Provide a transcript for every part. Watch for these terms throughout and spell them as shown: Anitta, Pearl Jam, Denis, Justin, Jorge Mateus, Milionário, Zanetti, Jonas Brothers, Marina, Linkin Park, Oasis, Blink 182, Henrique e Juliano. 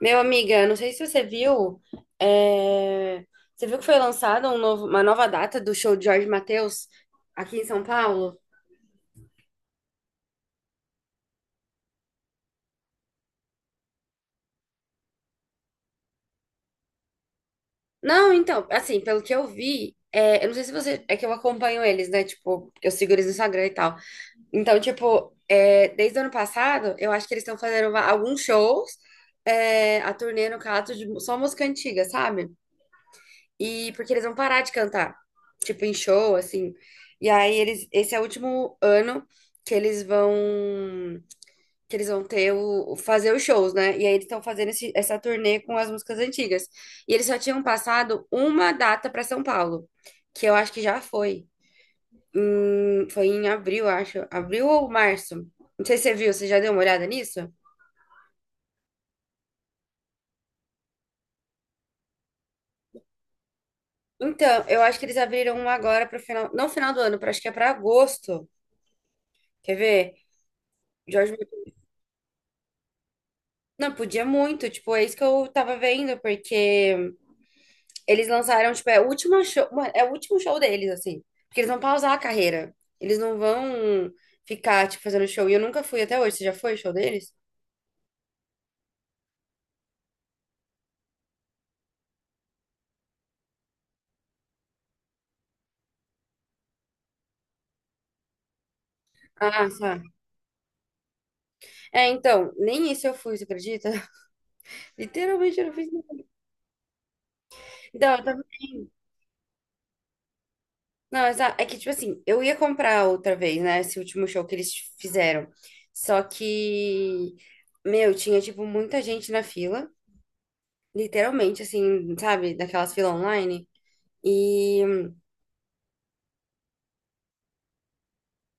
Meu amiga, não sei se você viu, é, você viu que foi lançada uma nova data do show de Jorge Mateus aqui em São Paulo? Não, então, assim, pelo que eu vi, eu não sei se você, é que eu acompanho eles, né? Tipo, eu sigo eles no Instagram e tal. Então, tipo, desde o ano passado, eu acho que eles estão fazendo alguns shows, a turnê, no caso, de só música antiga, sabe? E porque eles vão parar de cantar, tipo em show, assim. E aí eles, esse é o último ano que eles vão que eles vão fazer os shows, né? E aí eles estão fazendo essa turnê com as músicas antigas. E eles só tinham passado uma data para São Paulo, que eu acho que já foi. Foi em abril, acho. Abril ou março? Não sei se você viu, você já deu uma olhada nisso? Então, eu acho que eles abriram uma agora para final, não final do ano, para acho que é para agosto. Quer ver? Jorge. Não, podia muito, tipo, é isso que eu tava vendo, porque eles lançaram, tipo, é o último show, mano, é o último show deles, assim, porque eles vão pausar a carreira, eles não vão ficar, tipo, fazendo show, e eu nunca fui até hoje, você já foi ao show deles? Ah, tá. É, então, nem isso eu fui, você acredita? Literalmente eu não fiz nada. Então, eu tava bem. Não, é que, tipo assim, eu ia comprar outra vez, né, esse último show que eles fizeram, só que, meu, tinha, tipo, muita gente na fila, literalmente, assim, sabe? Daquelas filas online. E,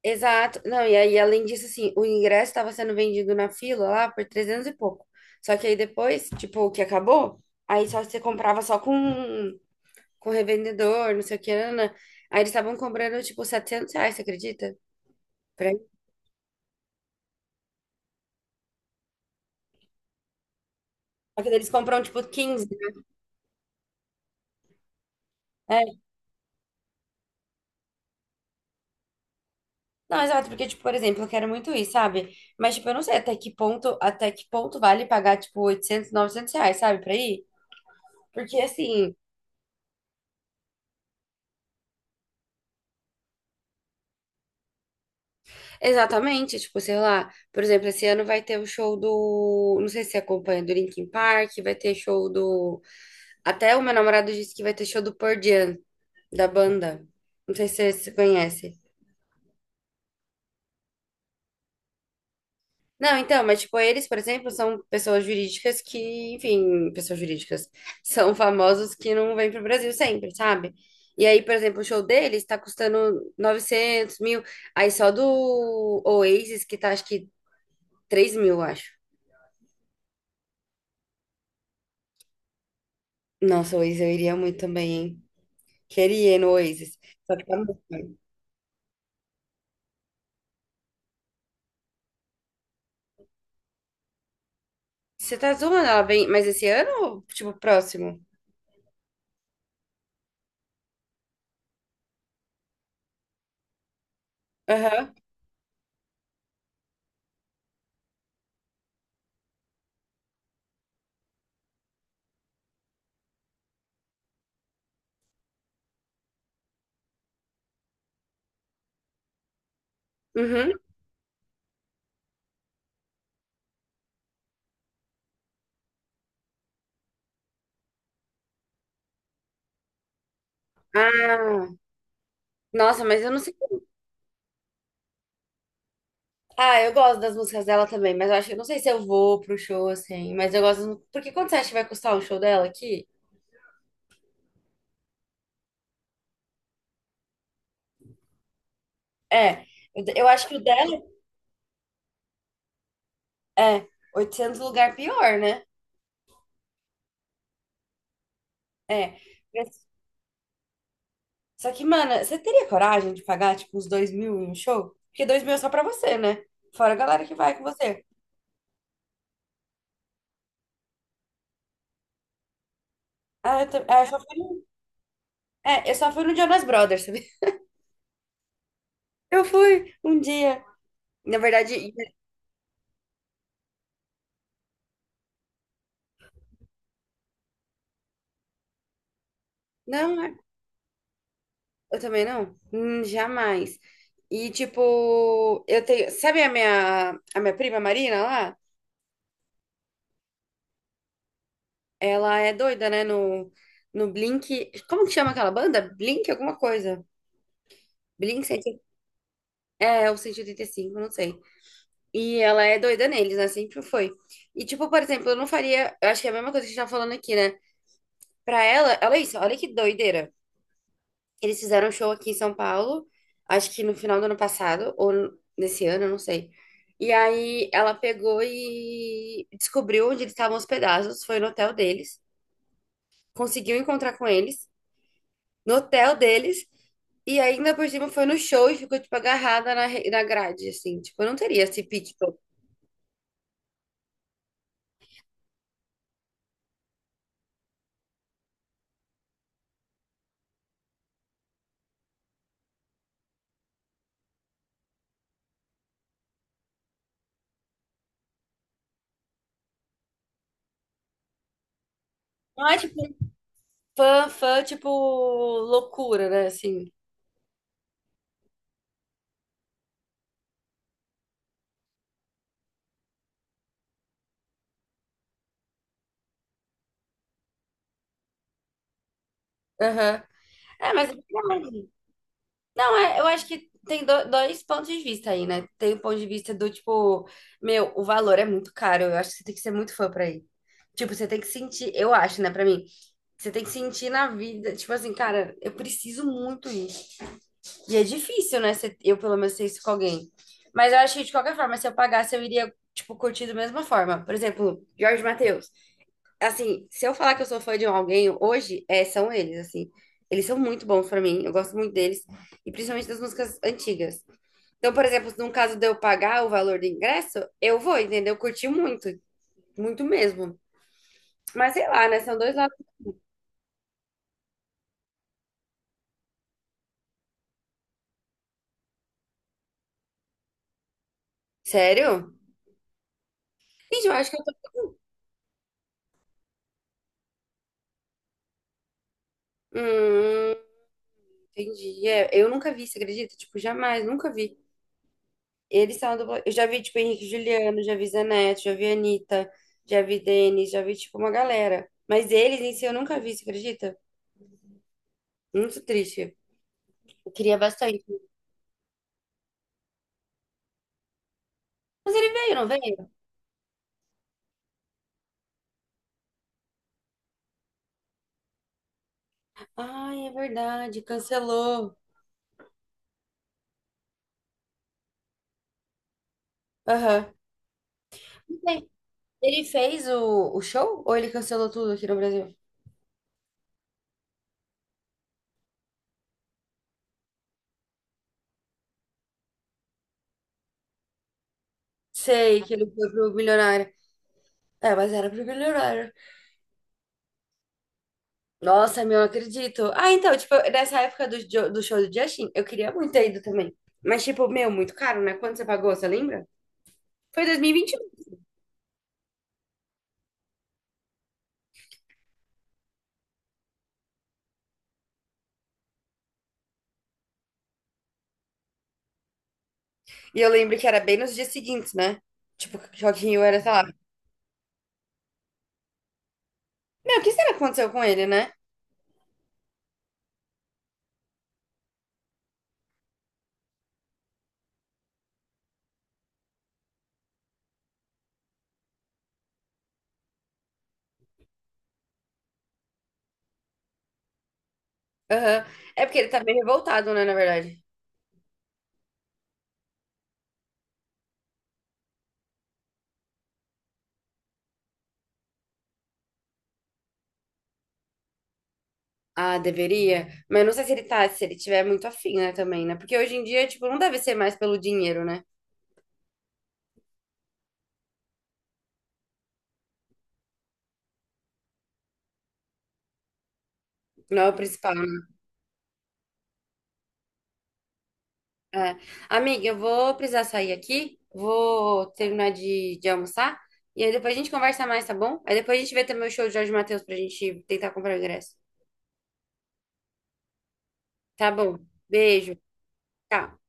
exato. Não, e aí, além disso, assim, o ingresso estava sendo vendido na fila lá por 300 e pouco. Só que aí depois, tipo, o que acabou, aí só você comprava só com revendedor, não sei o que, nanana. Aí eles estavam cobrando, tipo, R$ 700, você acredita? Por aí. Só que daí eles compram, tipo, 15. É. Não, exato, porque, tipo, por exemplo, eu quero muito ir, sabe? Mas, tipo, eu não sei até que ponto vale pagar, tipo, 800, 900 reais, sabe, pra ir? Porque, assim, exatamente, tipo, sei lá, por exemplo, esse ano vai ter o show do, não sei se você acompanha, do Linkin Park, vai ter show do, até o meu namorado disse que vai ter show do Pearl Jam, da banda, não sei se você conhece. Não, então, mas tipo, eles, por exemplo, são pessoas jurídicas que, enfim, pessoas jurídicas, são famosos que não vêm pro Brasil sempre, sabe? E aí, por exemplo, o show deles tá custando 900 mil, aí só do Oasis que tá, acho que 3 mil, acho. Nossa, o Oasis, eu iria muito também, hein? Queria ir no Oasis. Só que tá muito ruim. Você tá zoando ela bem, mas esse ano ou, tipo, próximo? Aham. Uhum. Ah, nossa, mas eu não sei. Ah, eu gosto das músicas dela também, mas eu acho que eu não sei se eu vou pro show, assim. Mas eu gosto. Porque quanto você acha que vai custar um show dela aqui? É, eu acho que o dela é 800 lugar pior, né? É. Mas. Só que, mano, você teria coragem de pagar, tipo, uns 2 mil em um show? Porque 2 mil é só pra você, né? Fora a galera que vai com você. Ah, eu, eu só fui, eu só fui no Jonas Brothers, sabe? Eu fui um dia. Na verdade, não, eu também não. Jamais. E, tipo, eu tenho. Sabe a minha, prima Marina lá? Ela é doida, né? No, no Blink. Como que chama aquela banda? Blink alguma coisa. Blink 180. É, o 185 não sei. E ela é doida neles, né? Sempre foi. E, tipo, por exemplo, eu não faria. Eu acho que é a mesma coisa que a gente tá falando aqui, né? Pra ela, olha isso, olha que doideira. Eles fizeram um show aqui em São Paulo, acho que no final do ano passado, ou nesse ano, eu não sei. E aí ela pegou e descobriu onde eles estavam hospedados, foi no hotel deles, conseguiu encontrar com eles, no hotel deles, e ainda por cima foi no show e ficou, tipo, agarrada na grade, assim. Tipo, eu não teria esse pique todo. Não é, tipo, fã, fã, tipo, loucura, né, assim. Aham. É, mas é legal. Não, é, eu acho que tem dois pontos de vista aí, né? Tem o ponto de vista do tipo, meu, o valor é muito caro. Eu acho que você tem que ser muito fã pra ir. Tipo, você tem que sentir, eu acho, né, pra mim, você tem que sentir na vida, tipo assim, cara, eu preciso muito ir. E é difícil, né? Eu pelo menos sei isso com alguém. Mas eu acho que de qualquer forma, se eu pagasse, eu iria, tipo, curtir da mesma forma. Por exemplo, Jorge Mateus assim, se eu falar que eu sou fã de alguém hoje, são eles, assim. Eles são muito bons pra mim, eu gosto muito deles, e principalmente das músicas antigas. Então, por exemplo, no caso de eu pagar o valor do ingresso, eu vou, entendeu? Curti muito, muito mesmo. Mas sei lá, né? São dois lados. Sério? Gente, eu acho que eu tô. Hum, entendi. É, eu nunca vi, você acredita? Tipo, jamais, nunca vi. Eles são uma dupla. Eu já vi, tipo, Henrique e Juliano, já vi Zanetti, já vi Anitta, já vi Denis, já vi, tipo, uma galera. Mas eles em si eu nunca vi, você acredita? Muito triste. Eu queria bastante. Mas ele veio, não veio? Ai, é verdade, cancelou. Aham. Não sei. Ele fez o show ou ele cancelou tudo aqui no Brasil? Sei que ele foi pro Milionário. É, mas era pro Milionário. Nossa, meu, eu acredito. Ah, então, tipo, nessa época do show do Justin, eu queria muito ter ido também. Mas, tipo, meu, muito caro, né? Quanto você pagou, você lembra? Foi 2021. E vinte e um. E eu lembro que era bem nos dias seguintes, né? Tipo, Joaquim Rio era, sei lá. Meu, o que será que aconteceu com ele, né? Aham. É porque ele tá bem revoltado, né, na verdade. Ah, deveria. Mas eu não sei se ele tá, se ele tiver muito afim, né, também, né? Porque hoje em dia, tipo, não deve ser mais pelo dinheiro, né? Não é o principal, né? É. Amiga, eu vou precisar sair aqui, vou terminar de almoçar, e aí depois a gente conversa mais, tá bom? Aí depois a gente vê também o show do Jorge Mateus pra gente tentar comprar o ingresso. Tá bom. Beijo. Tchau.